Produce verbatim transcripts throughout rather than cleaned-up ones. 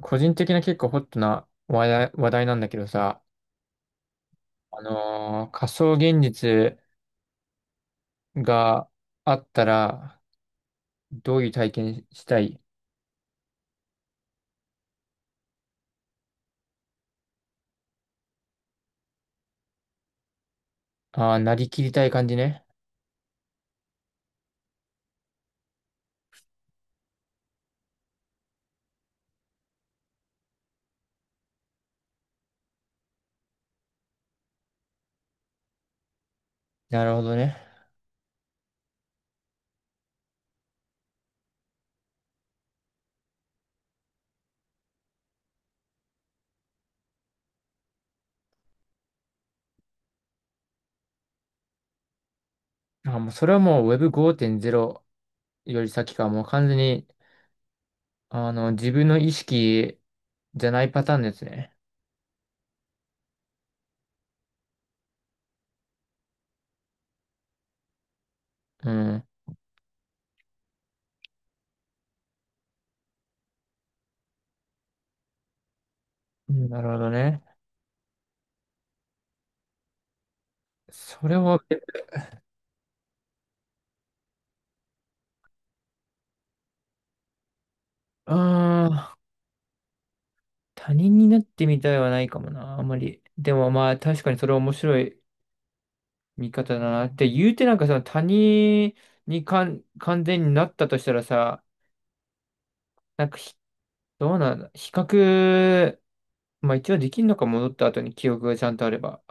個人的な結構ホットな話題、話題なんだけどさ、あのー仮想現実があったら、どういう体験したい？ああー、なりきりたい感じね。なるほどね。あー、もうそれはもう ウェブごーてんぜろ より先か、もう完全に、あの、自分の意識じゃないパターンですね。うん。うん、なるほどね。それは、ああ、他人になってみたいはないかもな、あんまり。でもまあ確かにそれ面白い見方だな。って言うてなんかさ、他人にかん完全になったとしたらさ、なんかひ、どうなんだ。比較、まあ一応できるのか、戻った後に記憶がちゃんとあれば。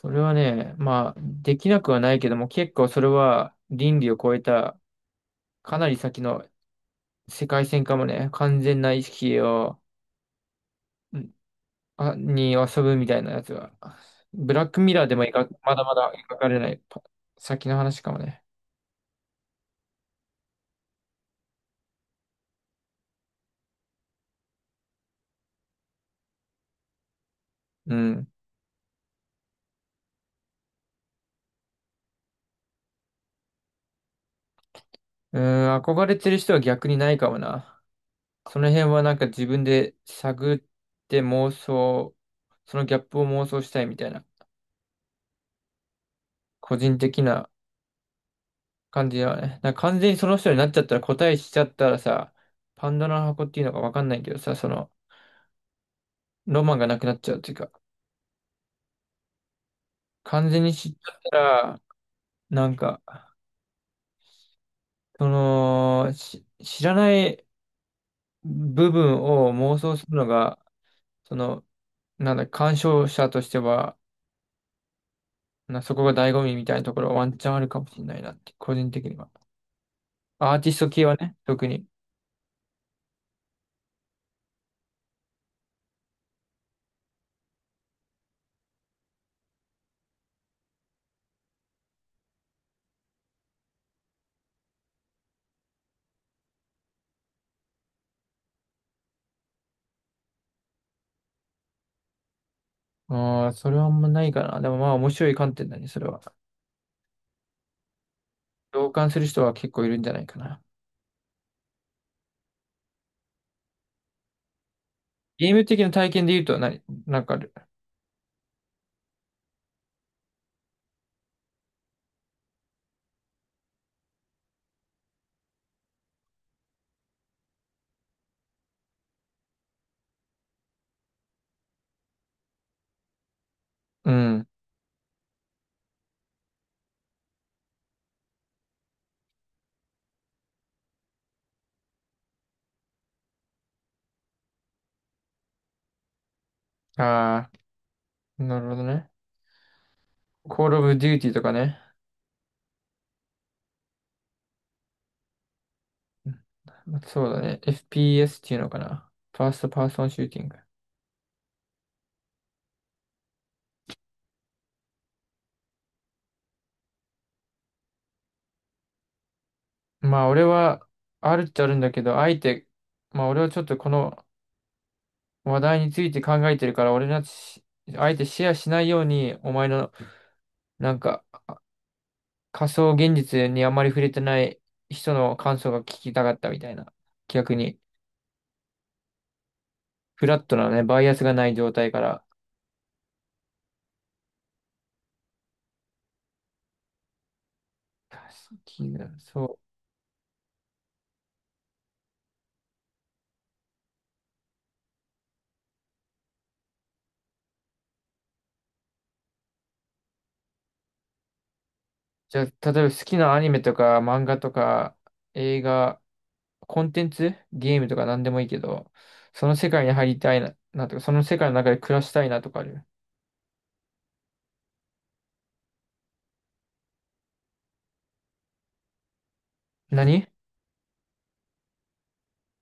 それはね、まあできなくはないけども、結構それは倫理を超えた、かなり先の世界線かもね、完全な意識を、んあ、に遊ぶみたいなやつは。ブラックミラーでも描く、まだまだ描かれないパ先の話かもね。うん。うーん、憧れてる人は逆にないかもな。その辺はなんか自分で探って妄想、そのギャップを妄想したいみたいな、個人的な感じだよね。なんか完全にその人になっちゃったら答えしちゃったらさ、パンドラの箱っていうのかわかんないけどさ、その、ロマンがなくなっちゃうっていうか、完全に知っちゃったら、なんか、その、し知らない部分を妄想するのが、その、なんだ、鑑賞者としては、な、そこが醍醐味みたいなところはワンチャンあるかもしれないなって、個人的には。アーティスト系はね、特に。ああ、それはあんまないかな。でもまあ面白い観点だね、それは。同感する人は結構いるんじゃないかな。ゲーム的な体験で言うと何、なんかある？うん。ああ、なるほどね。Call of Duty とかね。そうだね。エフピーエス っていうのかな。ファーストパーソンシューティング。まあ俺は、あるっちゃあるんだけど、あえて、まあ俺はちょっとこの話題について考えてるから、俺のし、あえてシェアしないように、お前の、なんか、仮想現実にあんまり触れてない人の感想が聞きたかったみたいな。逆に、フラットなね、バイアスがない状態から。好きなそう。じゃあ、例えば好きなアニメとか漫画とか映画、コンテンツ、ゲームとか何でもいいけど、その世界に入りたいな、なとか、その世界の中で暮らしたいなとかある？何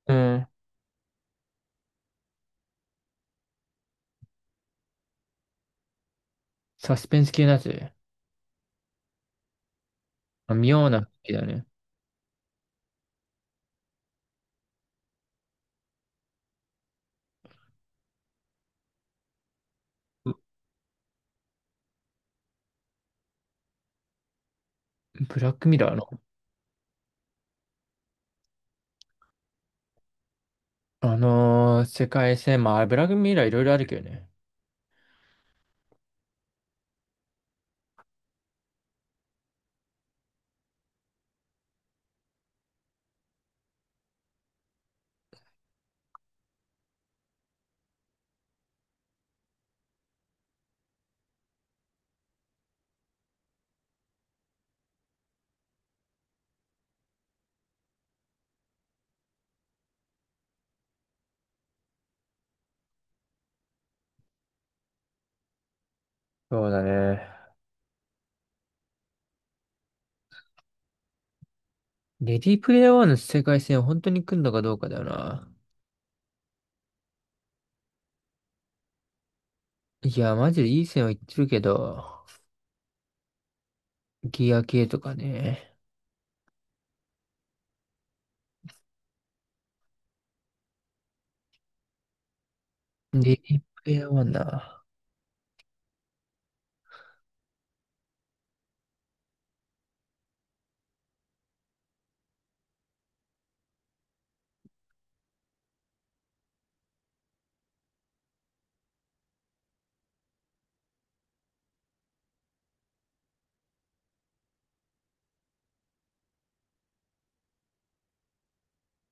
うん。サスペンス系のやつ。あ、妙な好きだね。ブラックミラーの、あのー世界線、まあ、ブラックミラーいろいろあるけどね。そうだね。レディープレイヤーワンの世界線を本当に来んのかどうかだよな。いや、マジでいい線は言ってるけど、ギア系とかね。レディープレイヤーワンだ。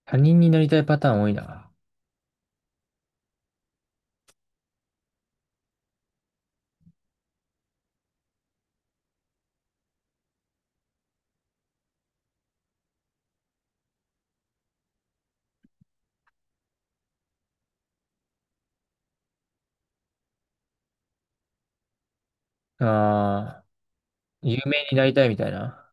他人になりたいパターン多いな。ああ、有名になりたいみたいな。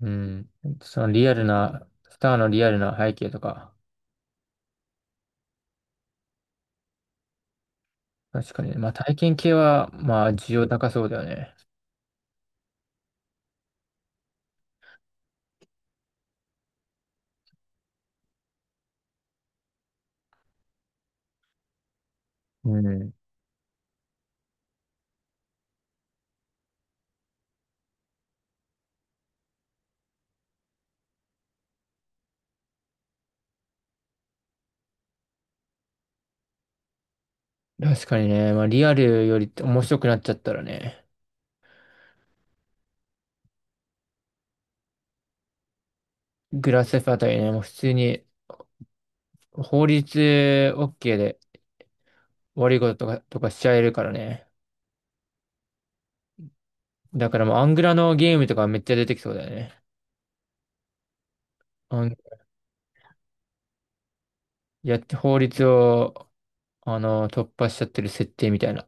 うん。そのリアルな、スターのリアルな背景とか。確かにね。まあ体験系は、まあ需要高そうだよね。うん。確かにね、まあリアルより面白くなっちゃったらね、グラスフあたりね、もう普通に法律 OK で悪いこととか、とかしちゃえるからね。だからもうアングラのゲームとかめっちゃ出てきそうだよね。アンやって法律を、あの、突破しちゃってる設定みたいな。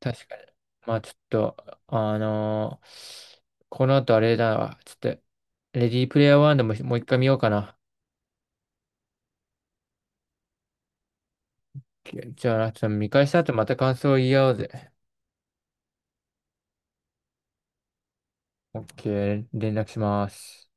確かに。まあちょっと、あのこの後あれだわ。ちょっと、レディープレイヤーワンでももう一回見ようかな。じゃあ、ちょっと見返した後また感想を言い合おうぜ。OK、連絡します。